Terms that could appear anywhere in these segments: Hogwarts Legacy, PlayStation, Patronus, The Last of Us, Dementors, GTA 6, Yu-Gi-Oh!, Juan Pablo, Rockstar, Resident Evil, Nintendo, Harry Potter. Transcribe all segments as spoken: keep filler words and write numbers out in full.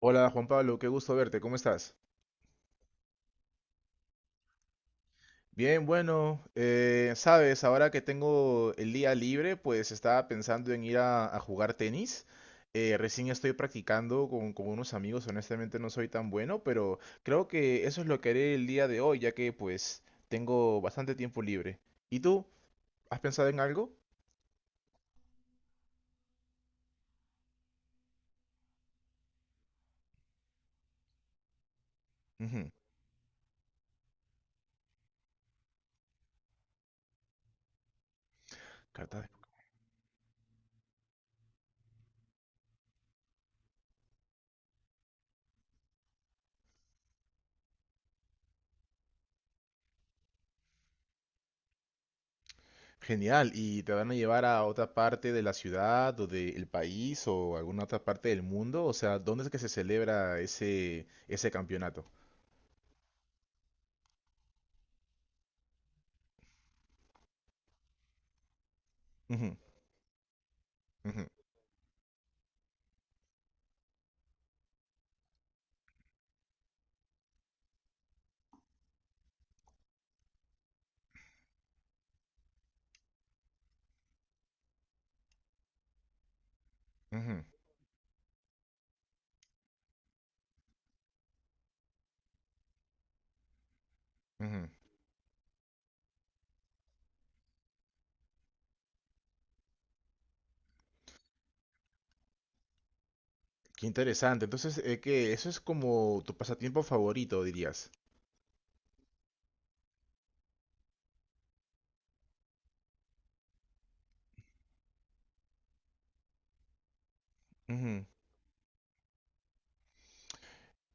Hola Juan Pablo, qué gusto verte, ¿cómo estás? Bien, bueno, eh, sabes, ahora que tengo el día libre, pues estaba pensando en ir a, a jugar tenis. Eh, recién estoy practicando con, con unos amigos, honestamente no soy tan bueno, pero creo que eso es lo que haré el día de hoy, ya que pues tengo bastante tiempo libre. ¿Y tú? ¿Has pensado en algo? Ujú. Carta. Genial, ¿y te van a llevar a otra parte de la ciudad o del país o alguna otra parte del mundo? O sea, ¿dónde es que se celebra ese, ese campeonato? Ujú, ujú, ujú, ujú. Qué interesante. Entonces, eh, ¿qué? Eso es como tu pasatiempo favorito, dirías.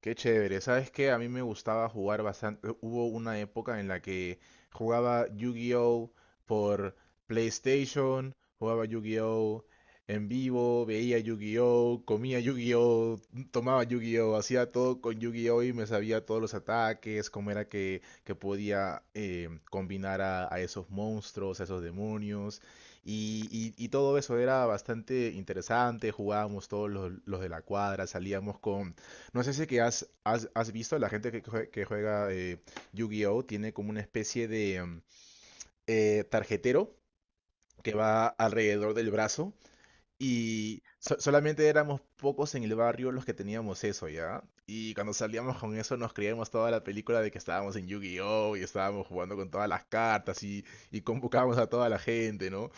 Qué chévere, ¿sabes qué? A mí me gustaba jugar bastante. Hubo una época en la que jugaba Yu-Gi-Oh! Por PlayStation, jugaba Yu-Gi-Oh! En vivo, veía Yu-Gi-Oh!, comía Yu-Gi-Oh!, tomaba Yu-Gi-Oh!, hacía todo con Yu-Gi-Oh!, y me sabía todos los ataques, cómo era que, que podía eh, combinar a, a esos monstruos, a esos demonios. Y, y- y todo eso era bastante interesante, jugábamos todos los los de la cuadra, salíamos con, no sé si que has, has, has visto, la gente que jue- que juega eh, Yu-Gi-Oh!, tiene como una especie de mm, eh, tarjetero que va alrededor del brazo, y so- solamente éramos pocos en el barrio los que teníamos eso, ¿ya? Y cuando salíamos con eso nos creíamos toda la película de que estábamos en Yu-Gi-Oh! Y estábamos jugando con todas las cartas, y, y convocábamos a toda la gente, ¿no?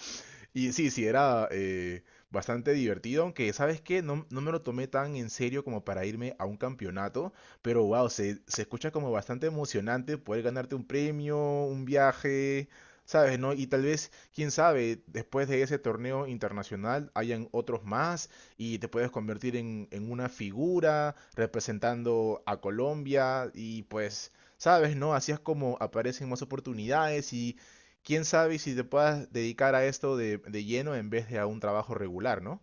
Y sí, sí, era eh, bastante divertido, aunque sabes qué, no, no me lo tomé tan en serio como para irme a un campeonato, pero wow, se, se escucha como bastante emocionante poder ganarte un premio, un viaje, ¿sabes? ¿No? Y tal vez, quién sabe, después de ese torneo internacional hayan otros más, y te puedes convertir en, en una figura representando a Colombia y pues... ¿Sabes, no? Así es como aparecen más oportunidades, y quién sabe si te puedas dedicar a esto de, de lleno en vez de a un trabajo regular, ¿no?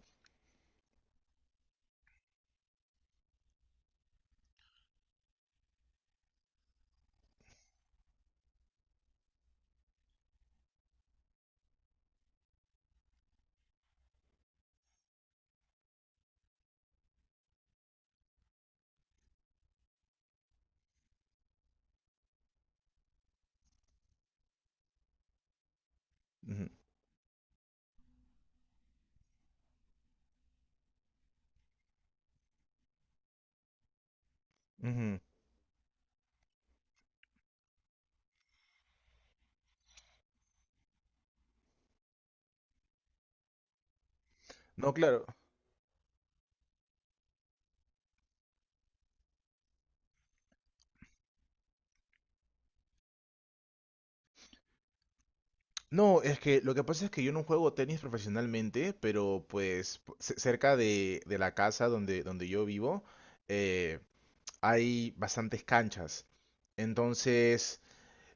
Ujú, ujú. No, claro. No, es que lo que pasa es que yo no juego tenis profesionalmente, pero pues p- ce- cerca de, de la casa donde, donde yo vivo, eh, hay bastantes canchas. Entonces,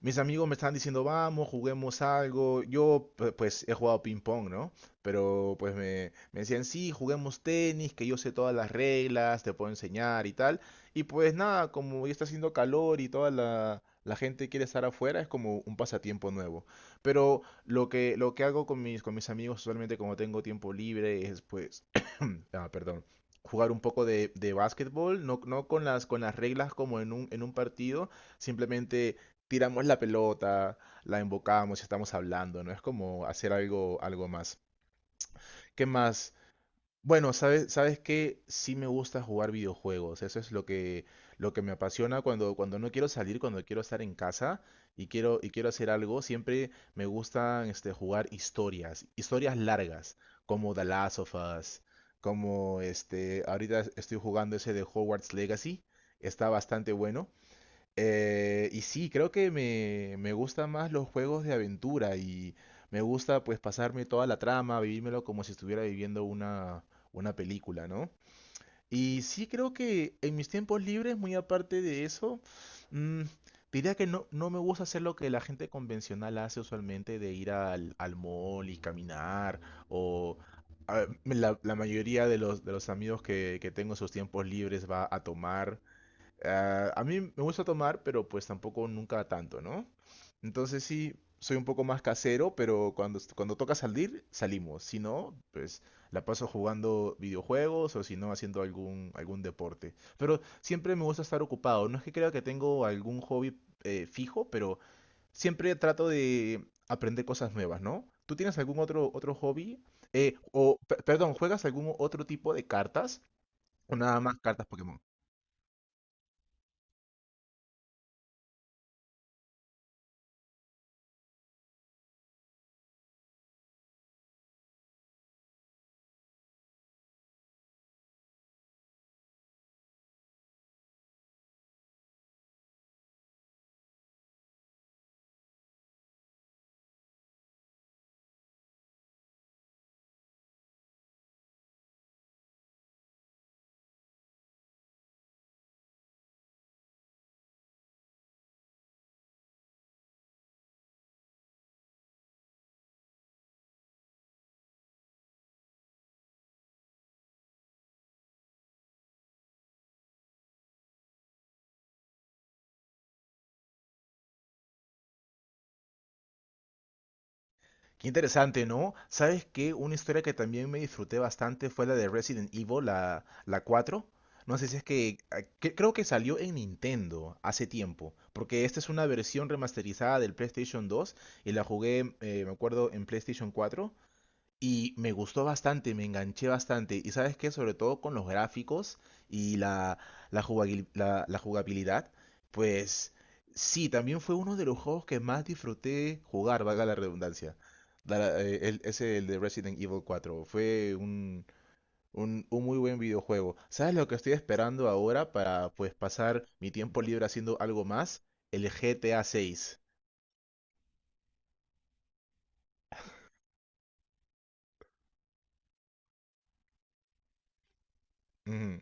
mis amigos me están diciendo, vamos, juguemos algo. Yo, pu- pues, he jugado ping-pong, ¿no? Pero, pues, me, me decían, sí, juguemos tenis, que yo sé todas las reglas, te puedo enseñar y tal. Y, pues, nada, como ya está haciendo calor y toda la, la gente quiere estar afuera, es como un pasatiempo nuevo. Pero lo que, lo que hago con mis, con mis amigos, usualmente, como tengo tiempo libre, es, pues, ah, perdón, jugar un poco de, de básquetbol, no, no con las, con las reglas como en un, en un partido, simplemente tiramos la pelota, la embocamos y estamos hablando, ¿no? Es como hacer algo, algo más. ¿Qué más? Bueno, sabes, sabes que sí me gusta jugar videojuegos. Eso es lo que, lo que me apasiona cuando, cuando no quiero salir, cuando quiero estar en casa y quiero, y quiero hacer algo. Siempre me gustan este, jugar historias, historias largas, como The Last of Us, como este, ahorita estoy jugando ese de Hogwarts Legacy. Está bastante bueno. Eh, y sí, creo que me, me gustan más los juegos de aventura, y me gusta pues pasarme toda la trama, vivírmelo como si estuviera viviendo una, una película, ¿no? Y sí creo que en mis tiempos libres, muy aparte de eso, mm, diría que no, no me gusta hacer lo que la gente convencional hace usualmente de ir al, al mall y caminar o... a ver, La, la mayoría de los, de los amigos que, que tengo en sus tiempos libres va a tomar. Ah, a mí me gusta tomar, pero pues tampoco nunca tanto, ¿no? Entonces sí, soy un poco más casero, pero cuando, est- cuando toca salir, salimos. Si no, pues la paso jugando videojuegos o si no, haciendo algún, algún deporte. Pero siempre me gusta estar ocupado. No es que crea que tengo algún hobby eh, fijo, pero siempre trato de aprender cosas nuevas, ¿no? ¿Tú tienes algún otro, otro hobby? Eh, o, pe- perdón, ¿juegas algún otro tipo de cartas? ¿O nada más cartas Pokémon? Qué interesante, ¿no? ¿Sabes qué? Una historia que también me disfruté bastante fue la de Resident Evil, la, la cuatro. No sé si es que, ah, que- creo que salió en Nintendo hace tiempo, porque esta es una versión remasterizada del PlayStation dos, y la jugué, eh, me acuerdo, en PlayStation cuatro. Y me gustó bastante, me enganché bastante. Y sabes qué, sobre todo con los gráficos y la, la jugabil- la- la jugabilidad, pues sí, también fue uno de los juegos que más disfruté jugar, valga la redundancia. Da- eh, el- ese, el de Resident Evil cuatro fue un, un, un muy buen videojuego. ¿Sabes lo que estoy esperando ahora para pues pasar mi tiempo libre haciendo algo más? El G T A seis. Ujú.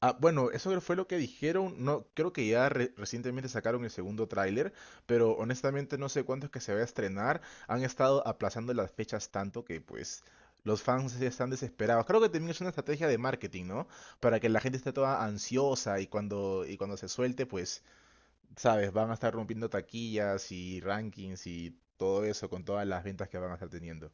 Ah, bueno, eso fue lo que dijeron. No, creo que ya re- recientemente sacaron el segundo tráiler, pero honestamente no sé cuándo es que se va a estrenar. Han estado aplazando las fechas tanto que pues los fans ya están desesperados. Creo que también es una estrategia de marketing, ¿no? Para que la gente esté toda ansiosa y cuando y cuando se suelte, pues, sabes, van a estar rompiendo taquillas y rankings y todo eso con todas las ventas que van a estar teniendo.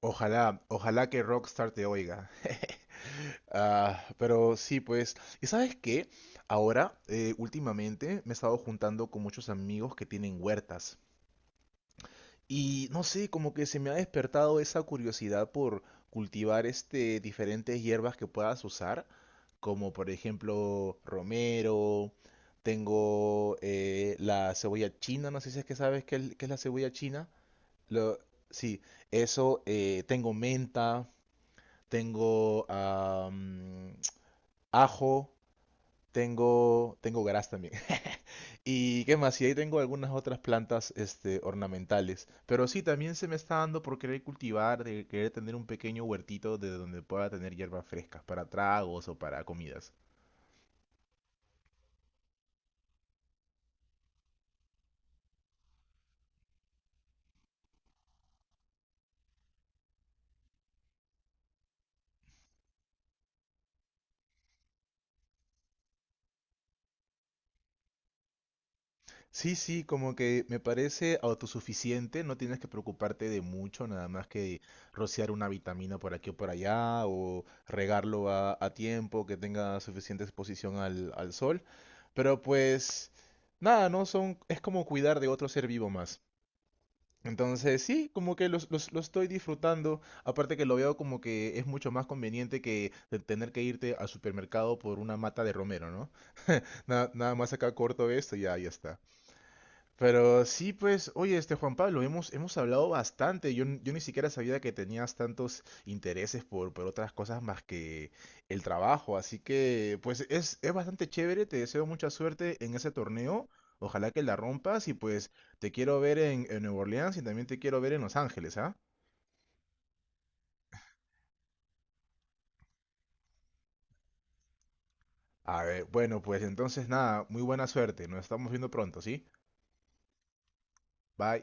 Ojalá, ojalá que Rockstar te oiga. Ah, pero sí, pues. ¿Y sabes qué? Ahora, eh, últimamente, me he estado juntando con muchos amigos que tienen huertas. Y no sé, como que se me ha despertado esa curiosidad por cultivar este, diferentes hierbas que puedas usar, como por ejemplo romero. Tengo eh, la cebolla china, no sé si es que sabes qué es, qué es la cebolla china. Lo, sí, eso, eh, tengo menta, tengo am, ajo. Tengo, tengo gras también. ¿Y qué más? Y ahí tengo algunas otras plantas, este, ornamentales. Pero sí, también se me está dando por querer cultivar, de querer tener un pequeño huertito de donde pueda tener hierbas frescas para tragos o para comidas. Sí, sí, como que me parece autosuficiente, no tienes que preocuparte de mucho, nada más que rociar una vitamina por aquí o por allá, o regarlo a, a tiempo, que tenga suficiente exposición al, al sol. Pero pues, nada, no son, es como cuidar de otro ser vivo más. Entonces, sí, como que los- los- lo estoy disfrutando. Aparte que lo veo como que es mucho más conveniente que de tener que irte al supermercado por una mata de romero, ¿no? Nada, nada más acá corto esto y ya, ya está. Pero sí, pues, oye, este Juan Pablo, hemos, hemos hablado bastante. Yo, n- yo ni siquiera sabía que tenías tantos intereses por, por otras cosas más que el trabajo. Así que, pues, es, es bastante chévere. Te deseo mucha suerte en ese torneo. Ojalá que la rompas. Y pues, te quiero ver en, en Nueva Orleans, y también te quiero ver en Los Ángeles, ¿ah? A ver, bueno, pues entonces nada, muy buena suerte. Nos estamos viendo pronto, ¿sí? Bye.